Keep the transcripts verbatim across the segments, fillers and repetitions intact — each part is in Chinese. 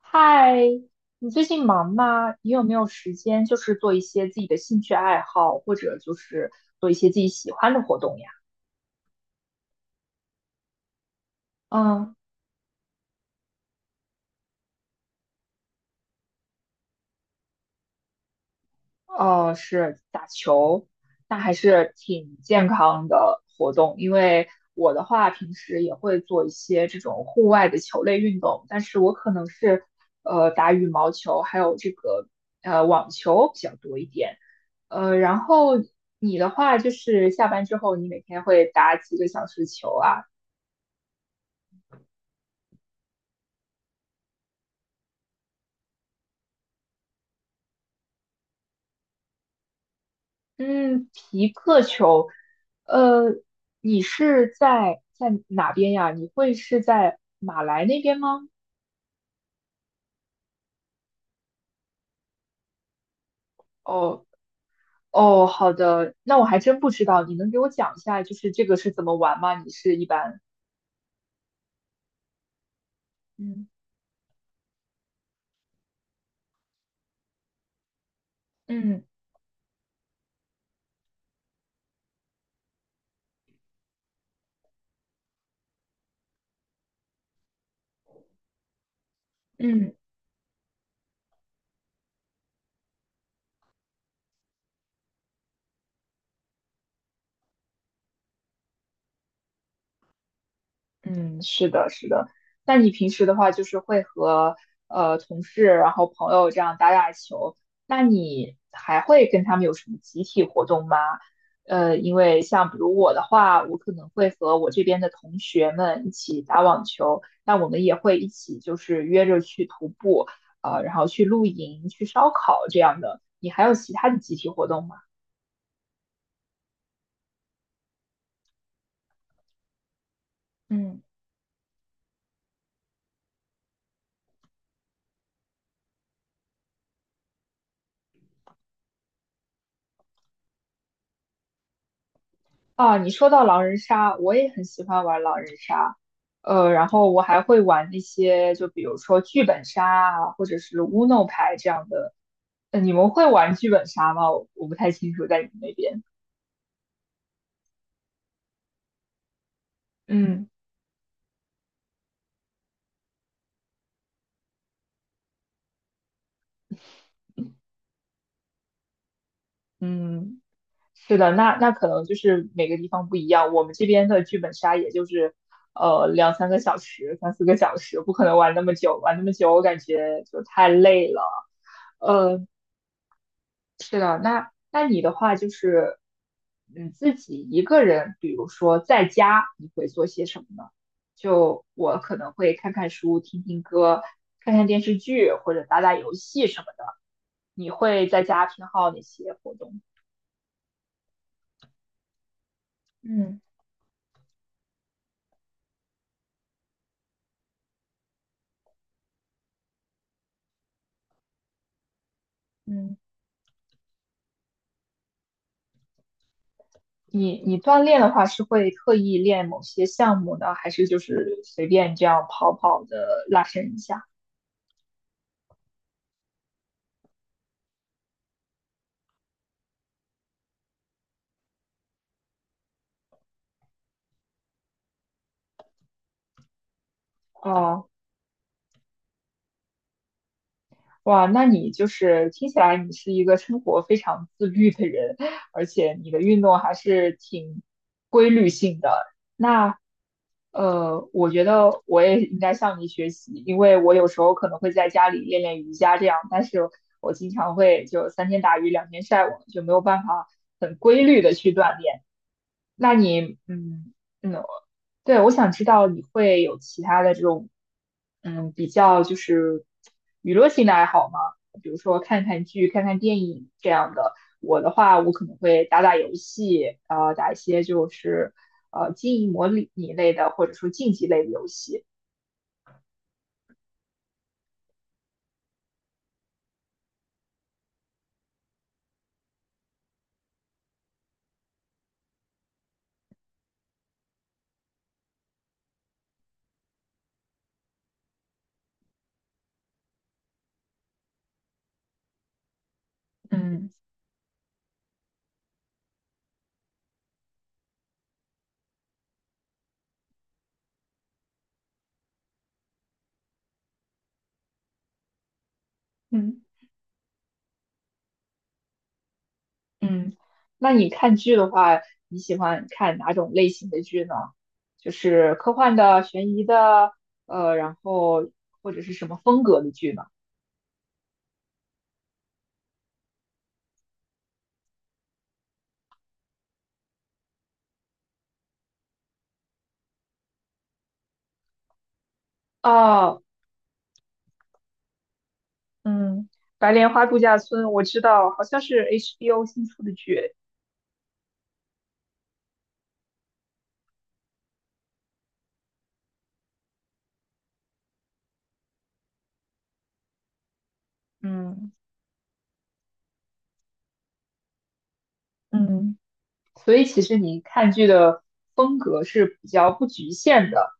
嗨，你最近忙吗？你有没有时间，就是做一些自己的兴趣爱好，或者就是做一些自己喜欢的活动呀？哦，是打球，那还是挺健康的活动。因为我的话，平时也会做一些这种户外的球类运动，但是我可能是呃打羽毛球，还有这个呃网球比较多一点。呃，然后你的话，就是下班之后，你每天会打几个小时球啊？嗯，皮克球，呃，你是在在哪边呀？你会是在马来那边吗？哦，哦，好的，那我还真不知道，你能给我讲一下，就是这个是怎么玩吗？你是一般，嗯嗯嗯。嗯，是的，是的。那你平时的话，就是会和呃同事，然后朋友这样打打球，那你还会跟他们有什么集体活动吗？呃，因为像比如我的话，我可能会和我这边的同学们一起打网球，那我们也会一起就是约着去徒步，呃，然后去露营、去烧烤这样的。你还有其他的集体活动吗？嗯。啊，你说到狼人杀，我也很喜欢玩狼人杀，呃，然后我还会玩那些，就比如说剧本杀啊，或者是乌弄牌这样的。呃，你们会玩剧本杀吗？我我不太清楚，在你们那边。嗯嗯，是的，那那可能就是每个地方不一样。我们这边的剧本杀也就是，呃，两三个小时、三四个小时，不可能玩那么久。玩那么久，我感觉就太累了。呃。那你的话就是，你自己一个人，比如说在家，你会做些什么呢？就我可能会看看书、听听歌、看看电视剧或者打打游戏什么的。你会在家偏好哪些活动？嗯嗯。你你锻炼的话是会特意练某些项目呢，还是就是随便这样跑跑的拉伸一下？哦，哇，那你就是听起来你是一个生活非常自律的人，而且你的运动还是挺规律性的。那呃，我觉得我也应该向你学习，因为我有时候可能会在家里练练瑜伽这样，但是我经常会就三天打鱼两天晒网，就没有办法很规律的去锻炼。那你，嗯嗯，对，我想知道你会有其他的这种，嗯，比较就是娱乐性的爱好吗？比如说看看剧、看看电影这样的。我的话，我可能会打打游戏，呃，打一些就是呃经营模拟类的，或者说竞技类的游戏。嗯嗯嗯。那你看剧的话，你喜欢看哪种类型的剧呢？就是科幻的、悬疑的，呃，然后或者是什么风格的剧呢？哦，嗯，《白莲花度假村》我知道，好像是 H B O 新出的剧。嗯嗯。所以其实你看剧的风格是比较不局限的。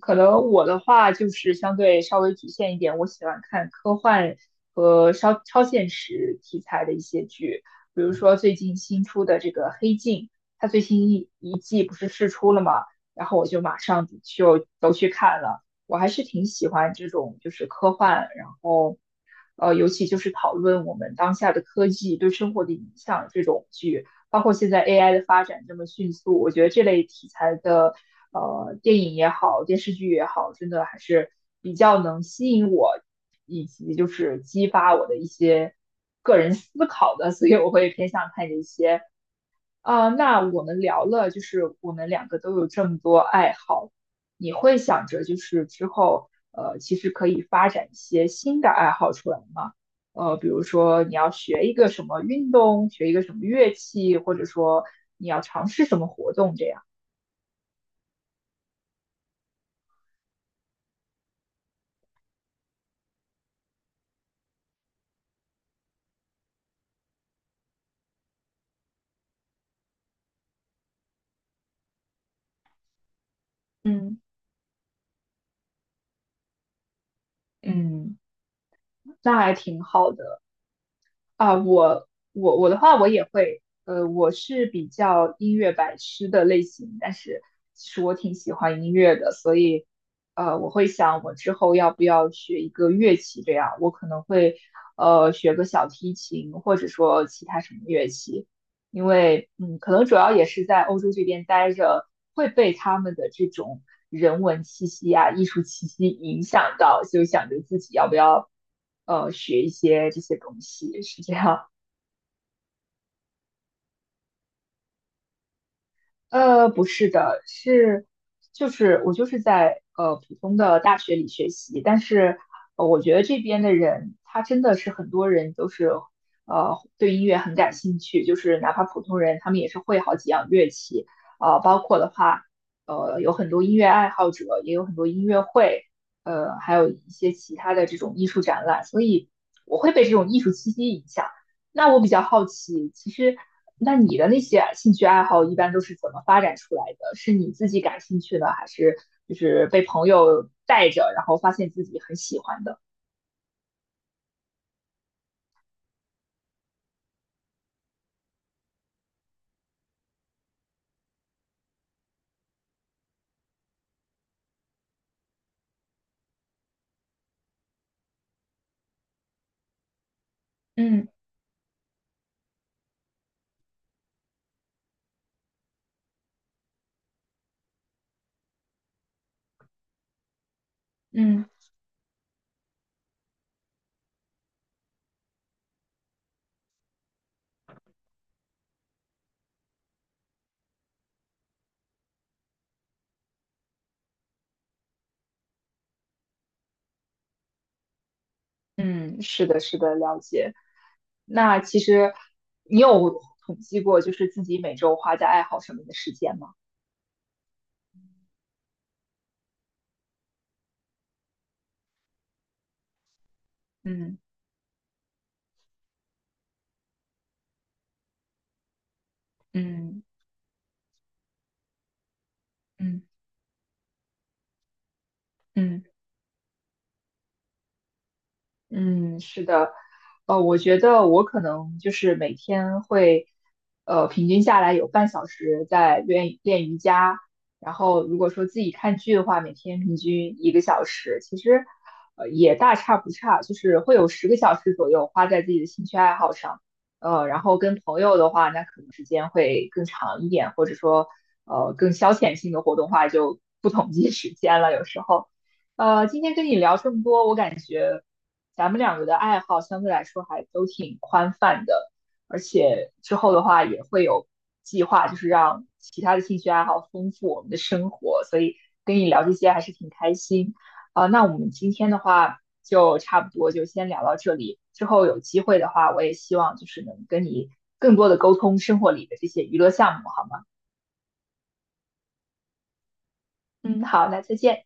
可能我的话就是相对稍微局限一点，我喜欢看科幻和超超现实题材的一些剧，比如说最近新出的这个《黑镜》，它最新一一季不是试出了嘛，然后我就马上就都去看了。我还是挺喜欢这种就是科幻，然后呃，尤其就是讨论我们当下的科技对生活的影响这种剧。包括现在 A I 的发展这么迅速，我觉得这类题材的呃电影也好，电视剧也好，真的还是比较能吸引我，以及就是激发我的一些个人思考的，所以我会偏向看这些啊、那我们聊了，就是我们两个都有这么多爱好，你会想着就是之后，呃，其实可以发展一些新的爱好出来吗？呃，比如说你要学一个什么运动，学一个什么乐器，或者说你要尝试什么活动这样。嗯。嗯，那还挺好的。啊，我我我的话，我也会，呃，我是比较音乐白痴的类型，但是其实我挺喜欢音乐的，所以，呃，我会想我之后要不要学一个乐器，这样我可能会，呃，学个小提琴，或者说其他什么乐器，因为嗯，可能主要也是在欧洲这边待着，会被他们的这种人文气息啊、艺术气息影响到，就想着自己要不要呃学一些这些东西，是这样。呃，不是的，是就是我就是在呃普通的大学里学习，但是呃我觉得这边的人，他真的是很多人都是呃对音乐很感兴趣，就是哪怕普通人，他们也是会好几样乐器，呃，包括的话，呃有很多音乐爱好者，也有很多音乐会，呃还有一些其他的这种艺术展览，所以我会被这种艺术气息影响。那我比较好奇，其实那你的那些兴趣爱好一般都是怎么发展出来的？是你自己感兴趣的，还是就是被朋友带着，然后发现自己很喜欢的？嗯嗯嗯，是的，是的，了解。那其实你有统计过，就是自己每周花在爱好上面的时间吗？嗯嗯嗯嗯。嗯，是的，呃，我觉得我可能就是每天会，呃，平均下来有半小时在练练瑜伽，然后如果说自己看剧的话，每天平均一个小时，其实，呃，也大差不差，就是会有十个小时左右花在自己的兴趣爱好上，呃，然后跟朋友的话，那可能时间会更长一点，或者说，呃，更消遣性的活动话就不统计时间了，有时候。呃，今天跟你聊这么多，我感觉。咱们两个的爱好相对来说还都挺宽泛的，而且之后的话也会有计划，就是让其他的兴趣爱好丰富我们的生活，所以跟你聊这些还是挺开心啊、那我们今天的话就差不多就先聊到这里，之后有机会的话，我也希望就是能跟你更多的沟通生活里的这些娱乐项目，好吗？嗯，好，那再见。